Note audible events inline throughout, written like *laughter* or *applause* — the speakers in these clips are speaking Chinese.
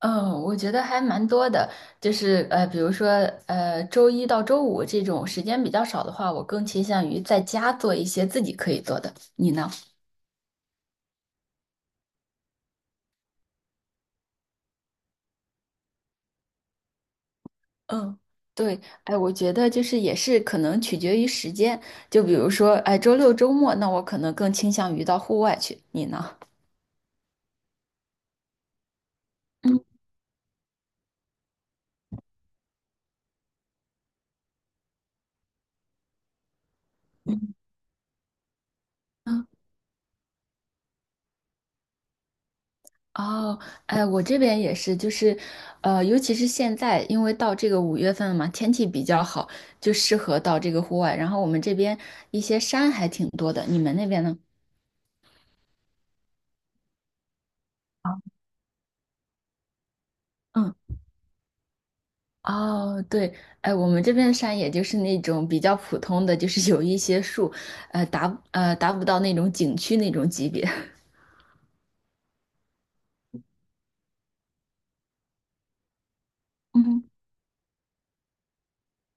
嗯，我觉得还蛮多的，就是比如说周一到周五这种时间比较少的话，我更倾向于在家做一些自己可以做的。你呢？嗯，对，哎，我觉得就是也是可能取决于时间，就比如说，哎，周六周末，那我可能更倾向于到户外去。你呢？嗯嗯。哦，哎，我这边也是，就是，尤其是现在，因为到这个五月份了嘛，天气比较好，就适合到这个户外。然后我们这边一些山还挺多的，你们那边呢？嗯，哦，对，哎，我们这边的山也就是那种比较普通的，就是有一些树，达不到那种景区那种级别。*laughs*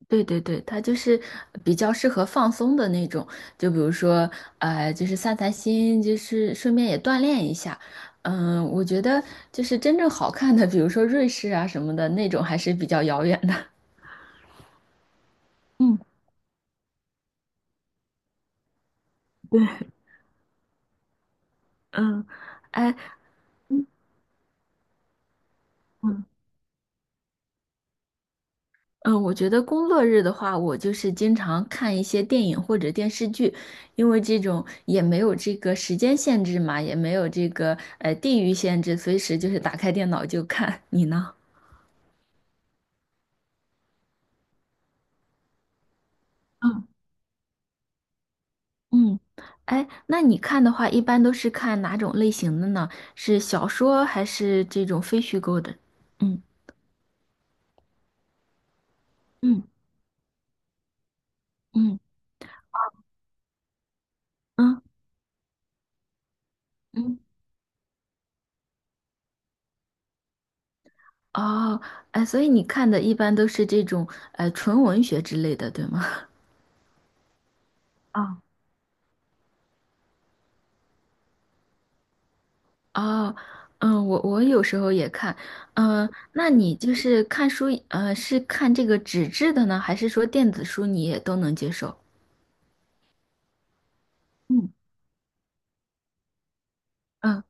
对对对，它就是比较适合放松的那种，就比如说，就是散散心，就是顺便也锻炼一下。嗯，我觉得就是真正好看的，比如说瑞士啊什么的那种，还是比较遥远的。*laughs* 嗯，对，嗯，哎，嗯嗯，我觉得工作日的话，我就是经常看一些电影或者电视剧，因为这种也没有这个时间限制嘛，也没有这个地域限制，随时就是打开电脑就看。你呢？嗯，哎，那你看的话，一般都是看哪种类型的呢？是小说还是这种非虚构的？嗯嗯嗯嗯嗯，哦，哎，所以你看的一般都是这种纯文学之类的，对吗？哦 *laughs* 哦，嗯，我有时候也看，嗯、那你就是看书，是看这个纸质的呢，还是说电子书你也都能接受？嗯。嗯，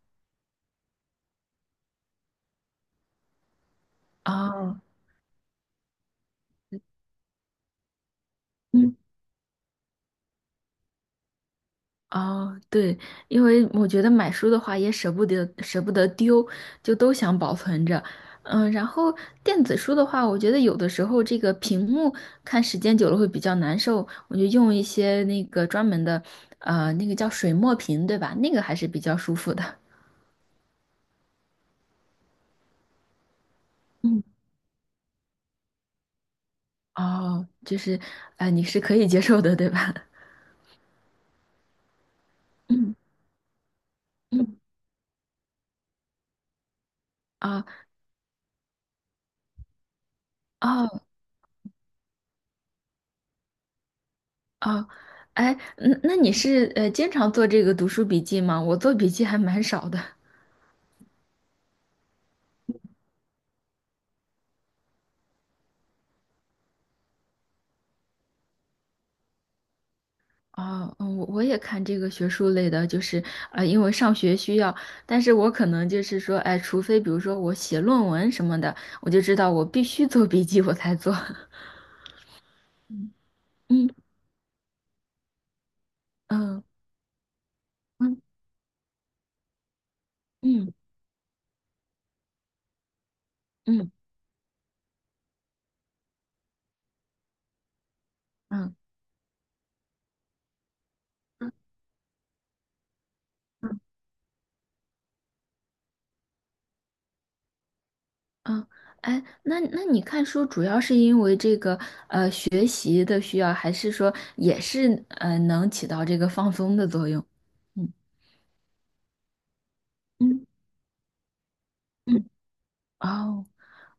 哦，哦，对，因为我觉得买书的话也舍不得丢，就都想保存着。嗯，然后电子书的话，我觉得有的时候这个屏幕看时间久了会比较难受，我就用一些那个专门的，那个叫水墨屏，对吧？那个还是比较舒服的。嗯，哦，就是，你是可以接受的，对吧？*laughs* 嗯嗯，啊，哦哦，哎，那你是经常做这个读书笔记吗？我做笔记还蛮少的。哦，嗯，我也看这个学术类的，就是因为上学需要，但是我可能就是说，哎，除非比如说我写论文什么的，我就知道我必须做笔记，我才做。*laughs* 嗯，嗯嗯嗯嗯嗯嗯嗯，哎，那你看书主要是因为这个学习的需要，还是说也是能起到这个放松的作用？嗯嗯嗯，哦。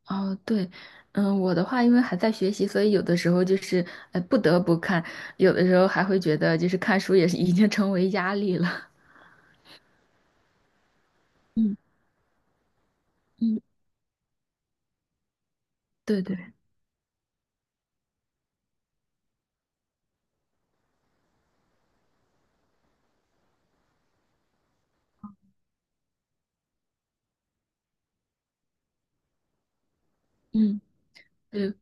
哦，对，嗯，我的话，因为还在学习，所以有的时候就是，不得不看，有的时候还会觉得，就是看书也是已经成为压力了。*laughs* 嗯嗯，对对，嗯，对，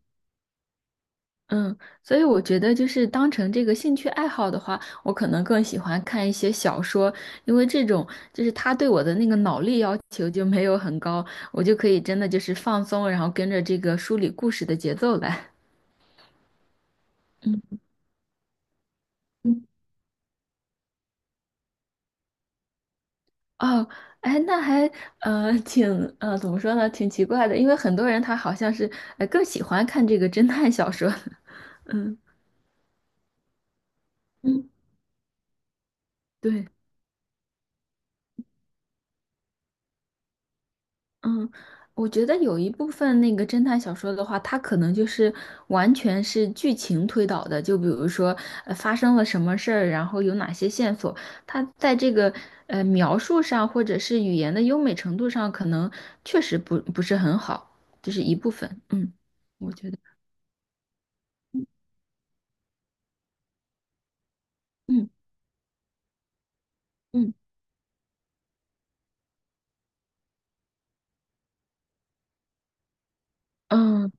嗯，所以我觉得就是当成这个兴趣爱好的话，我可能更喜欢看一些小说，因为这种就是他对我的那个脑力要求就没有很高，我就可以真的就是放松，然后跟着这个书里故事的节奏来。嗯嗯，哦，哎，那还呃挺呃怎么说呢，挺奇怪的，因为很多人他好像是更喜欢看这个侦探小说，*laughs* 嗯嗯，对，嗯，我觉得有一部分那个侦探小说的话，它可能就是完全是剧情推导的，就比如说发生了什么事儿，然后有哪些线索，它在这个描述上或者是语言的优美程度上，可能确实不是很好，这是一部分，嗯，我觉得，嗯嗯。嗯，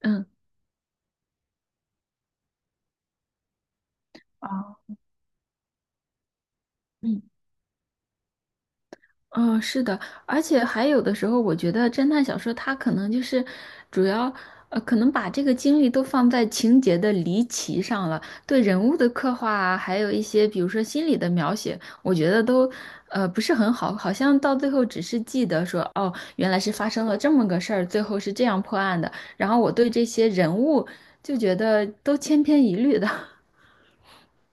嗯，啊，嗯，哦，是的，而且还有的时候，我觉得侦探小说它可能就是主要，可能把这个精力都放在情节的离奇上了，对人物的刻画啊，还有一些比如说心理的描写，我觉得都，不是很好，好像到最后只是记得说，哦，原来是发生了这么个事儿，最后是这样破案的，然后我对这些人物就觉得都千篇一律的，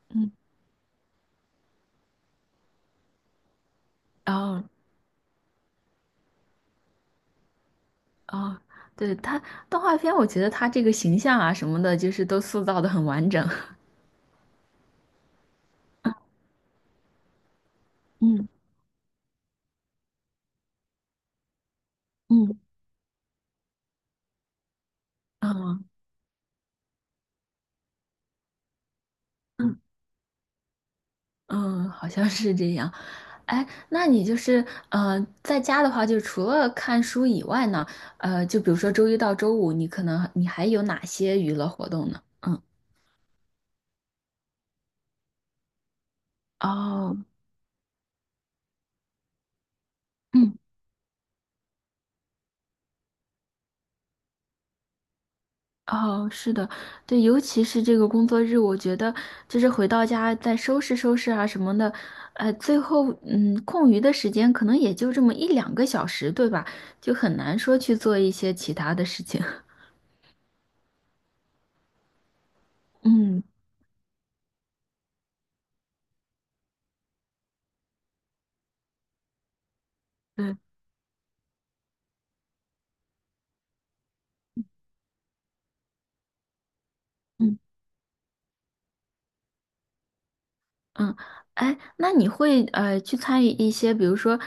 *laughs* 嗯，然后。哦，对，他动画片，我觉得他这个形象啊什么的，就是都塑造的很完整。*laughs* 嗯嗯嗯嗯嗯，好像是这样。哎，那你就是在家的话，就除了看书以外呢，就比如说周一到周五，你可能还有哪些娱乐活动呢？嗯，哦，嗯。哦，是的，对，尤其是这个工作日，我觉得就是回到家再收拾收拾啊什么的，最后嗯，空余的时间可能也就这么一两个小时，对吧？就很难说去做一些其他的事情。*laughs* 嗯，对，嗯嗯，哎，那你会去参与一些，比如说，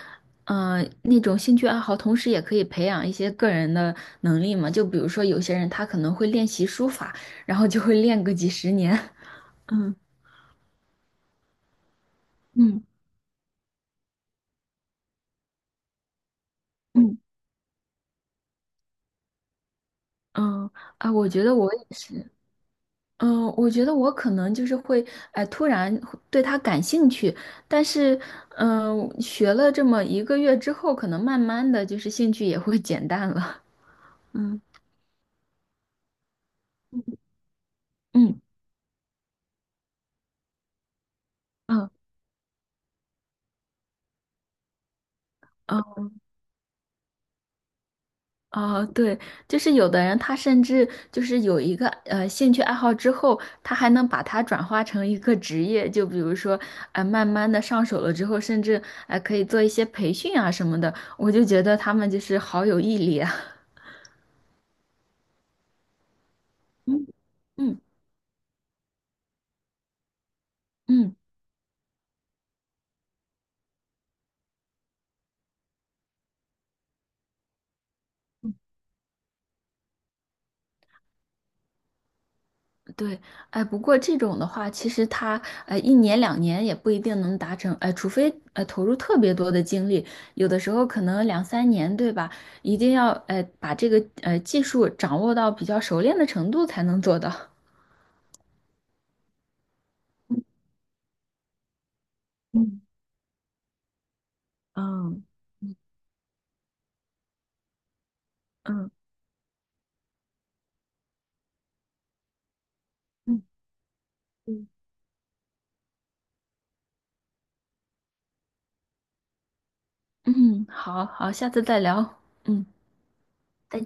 那种兴趣爱好，同时也可以培养一些个人的能力嘛？就比如说有些人他可能会练习书法，然后就会练个几十年。*laughs* 嗯嗯。嗯嗯，啊，我觉得我也是，嗯，我觉得我可能就是会，哎，突然会对他感兴趣，但是，嗯，学了这么一个月之后，可能慢慢的就是兴趣也会减淡了。嗯嗯嗯嗯，啊，对，就是有的人他甚至就是有一个兴趣爱好之后，他还能把它转化成一个职业，就比如说，哎、慢慢的上手了之后，甚至哎、可以做一些培训啊什么的，我就觉得他们就是好有毅力啊。嗯嗯嗯，对，哎，不过这种的话，其实他一年两年也不一定能达成，哎，除非投入特别多的精力，有的时候可能两三年，对吧？一定要把这个技术掌握到比较熟练的程度才能做到。嗯嗯，嗯，好好，下次再聊。嗯。再